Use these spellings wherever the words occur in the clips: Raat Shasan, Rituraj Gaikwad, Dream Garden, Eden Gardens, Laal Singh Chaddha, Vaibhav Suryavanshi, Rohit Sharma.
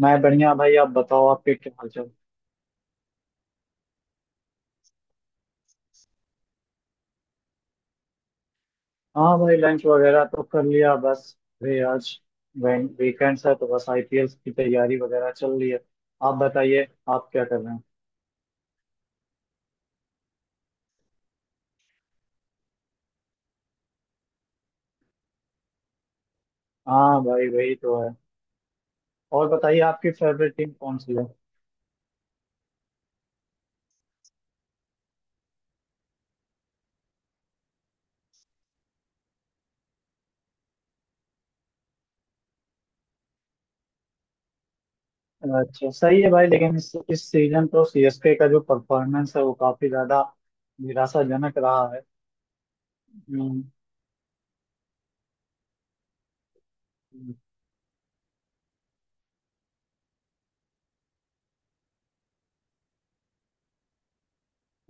मैं बढ़िया भाई। आप बताओ, आपके क्या हाल चाल? हाँ भाई, लंच वगैरह तो कर लिया। बस अरे आज वीकेंड्स है तो बस आईपीएल की तैयारी वगैरह चल रही है। आप बताइए, आप क्या कर रहे हैं? हाँ भाई वही तो है। और बताइए, आपकी फेवरेट टीम कौन सी है? अच्छा सही है भाई। लेकिन इस सीजन तो सीएसके का जो परफॉर्मेंस है वो काफी ज्यादा निराशाजनक रहा है। हम्म। हम्म।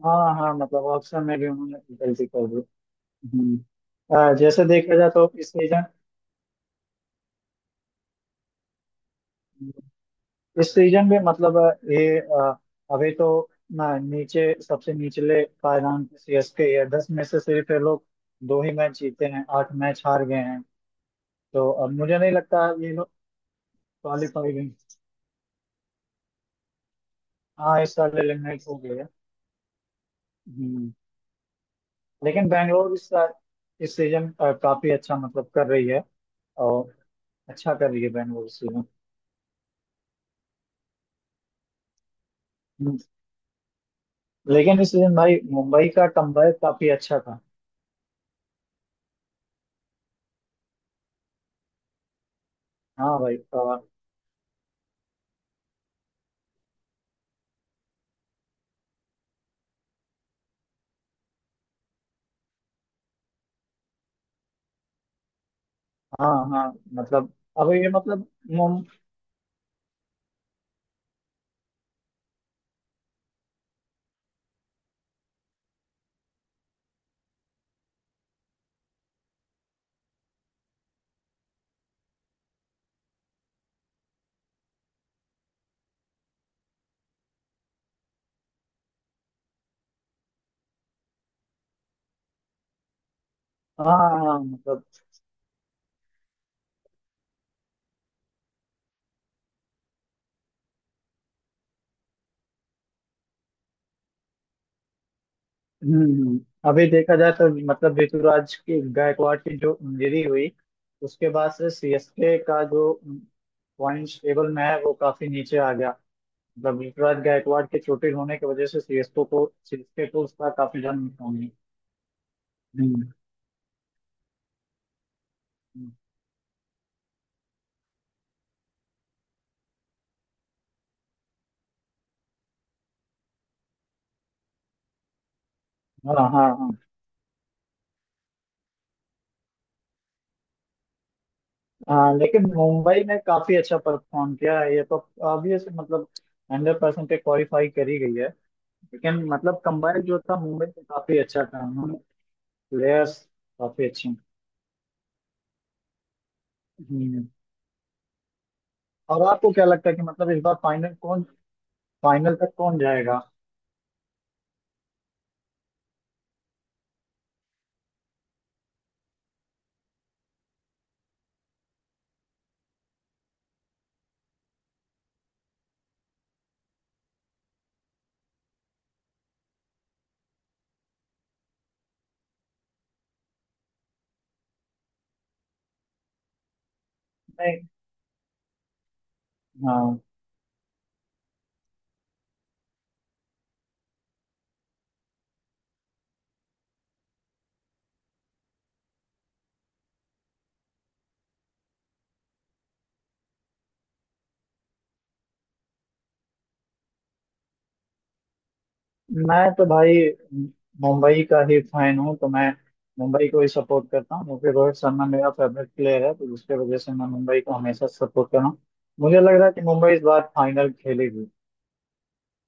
हाँ हाँ, मतलब ऑप्शन में भी उन्होंने गलती कर दी। हम्म। जैसे देखा जाए तो इस सीजन, इस सीजन में मतलब ये अभी तो ना, नीचे सबसे निचले पायदान सीएसके है। 10 में से सिर्फ ये लोग 2 ही मैच जीते हैं, 8 मैच हार गए हैं। तो अब मुझे नहीं लगता ये लोग क्वालिफाई हुए। हाँ, इस साल एलिमिनेट हो गए हैं। हम्म। लेकिन बैंगलोर इस साल, इस सीजन काफी अच्छा मतलब कर रही है। और अच्छा कर रही है बैंगलोर इस सीजन। हम्म। लेकिन इस सीजन भाई मुंबई का कमबैक काफी अच्छा था। हाँ भाई हाँ हाँ, मतलब अब ये मतलब, हाँ मतलब। हम्म। अभी देखा जाए तो मतलब ऋतुराज की, गायकवाड़ की जो इंजरी हुई उसके बाद से सीएसके का जो पॉइंट्स टेबल में है वो काफी नीचे आ गया। मतलब ऋतुराज गायकवाड़ के चोटिल होने की वजह से सीएसके को उसका काफी ज्यादा नुकसान हुआ। हम्म। हम्म। हाँ हाँ हाँ। हाँ, लेकिन मुंबई ने काफी अच्छा परफॉर्म किया है, ये तो ऑब्वियस। मतलब 100% क्वालिफाई करी गई है। लेकिन मतलब कंबाइन जो था, मुंबई ने काफी अच्छा था। प्लेयर्स काफी अच्छे हैं। हम्म। और आपको क्या लगता है कि मतलब इस बार फाइनल कौन, फाइनल तक कौन जाएगा? मैं, हाँ मैं तो भाई मुंबई का ही फैन हूँ तो मैं मुंबई को ही सपोर्ट करता हूँ क्योंकि रोहित शर्मा मेरा फेवरेट प्लेयर है तो उसके वजह से मैं मुंबई को हमेशा सपोर्ट कर रहा हूँ। मुझे लग रहा है कि मुंबई इस बार फाइनल खेलेगी।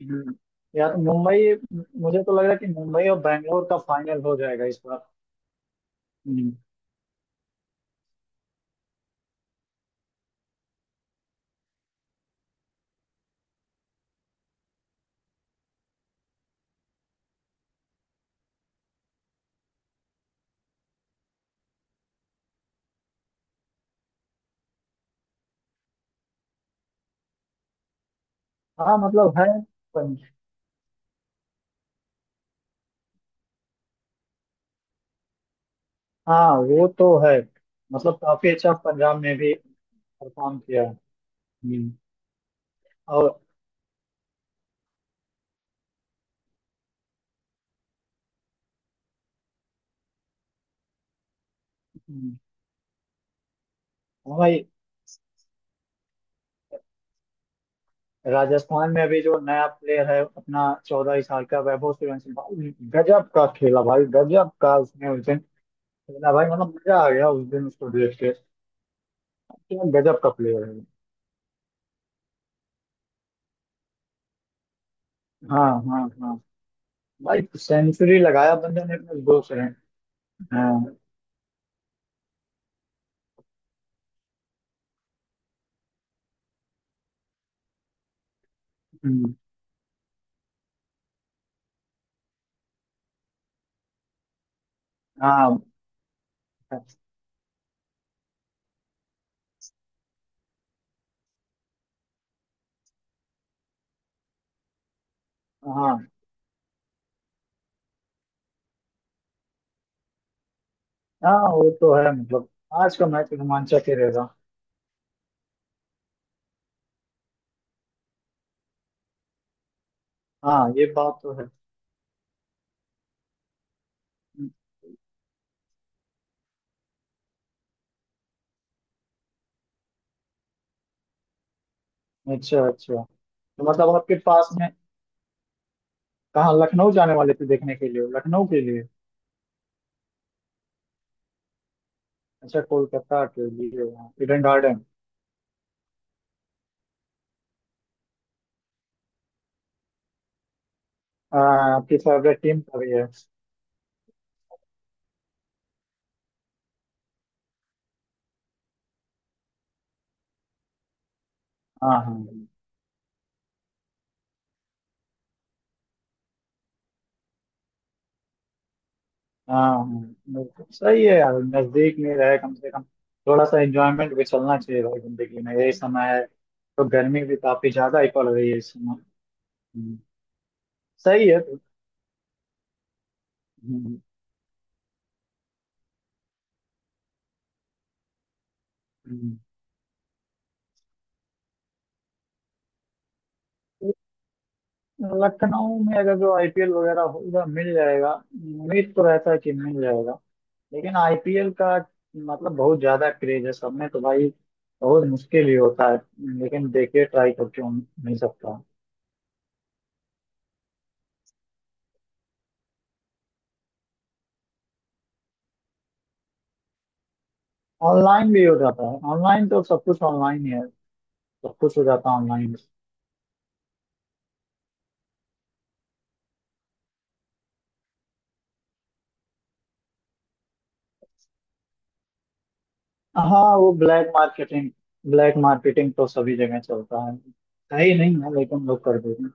हम्म। यार मुंबई, मुझे तो लग रहा है कि मुंबई और बैंगलोर का फाइनल हो जाएगा इस बार। हम्म। हाँ मतलब है। हाँ वो तो है, मतलब काफी अच्छा पंजाब में भी परफॉर्म किया है। हम्म। और हम्म। और भाई राजस्थान में अभी जो नया प्लेयर है अपना, 14 साल का वैभव सूर्यवंशी भाई गजब का खेला भाई, गजब का उसने उस दिन खेला भाई। मतलब मजा आ गया उस दिन उसको देख के। क्या गजब का प्लेयर है। हाँ हाँ हाँ। भाई सेंचुरी लगाया बंदे ने अपने दो से। हाँ। हम्म। हाँ हाँ हाँ, वो तो है। मतलब आज का मैच रोमांचक ही रहेगा। हाँ ये बात तो है। अच्छा अच्छा, तो मतलब आपके पास में, कहाँ लखनऊ जाने वाले थे देखने के लिए? लखनऊ के लिए? अच्छा कोलकाता के लिए। Eden Garden. हाँ आपकी फेवरेट टीम का भी है। हाँ हाँ हाँ। हाँ, बिल्कुल सही है यार, नजदीक में रहे कम से कम। थोड़ा सा एंजॉयमेंट भी चलना चाहिए भाई, जिंदगी में यही समय है। तो गर्मी भी काफी ज्यादा ही पड़ रही है इस समय। हम्म। सही है तो। हम्म। हम्म। लखनऊ में अगर जो आईपीएल वगैरह होगा, मिल जाएगा, उम्मीद तो रहता है कि मिल जाएगा। लेकिन आईपीएल का मतलब बहुत ज्यादा क्रेज है सब में, तो भाई बहुत मुश्किल ही होता है। लेकिन देखिए, ट्राई कर क्यों नहीं सकता। ऑनलाइन भी हो जाता है, ऑनलाइन तो सब कुछ ऑनलाइन ही है। सब कुछ हो जाता है ऑनलाइन। हाँ वो ब्लैक मार्केटिंग, ब्लैक मार्केटिंग तो सभी जगह चलता है। सही नहीं है लेकिन लोग कर देते हैं।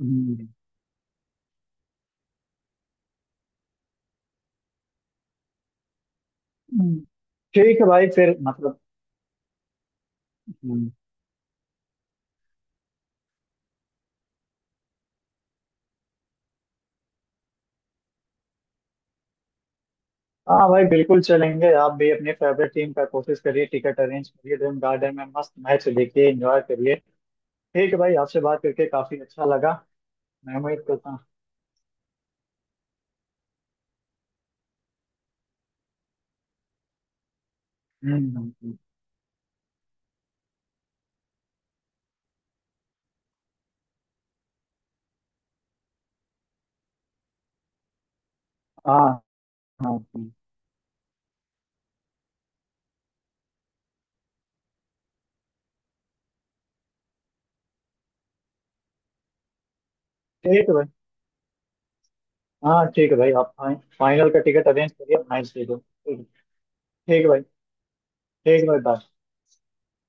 हम्म। हम्म। ठीक है भाई। फिर मतलब, हम्म, हाँ भाई बिल्कुल चलेंगे। आप भी अपनी फेवरेट टीम का कोशिश करिए, टिकट अरेंज करिए। ड्रीम गार्डन में मस्त मैच देखिए, एंजॉय करिए। ठीक है भाई, आपसे बात करके काफी अच्छा लगा। मैं उम्मीद करता हूँ। हम्म। हम्म। हम्म। हाँ हाँ। हम्म। ठीक है भाई। हाँ ठीक है भाई, आप फाइनल का टिकट अरेंज करिए, मैच देखो। ठीक है। ठीक है भाई। ठीक है भाई bye।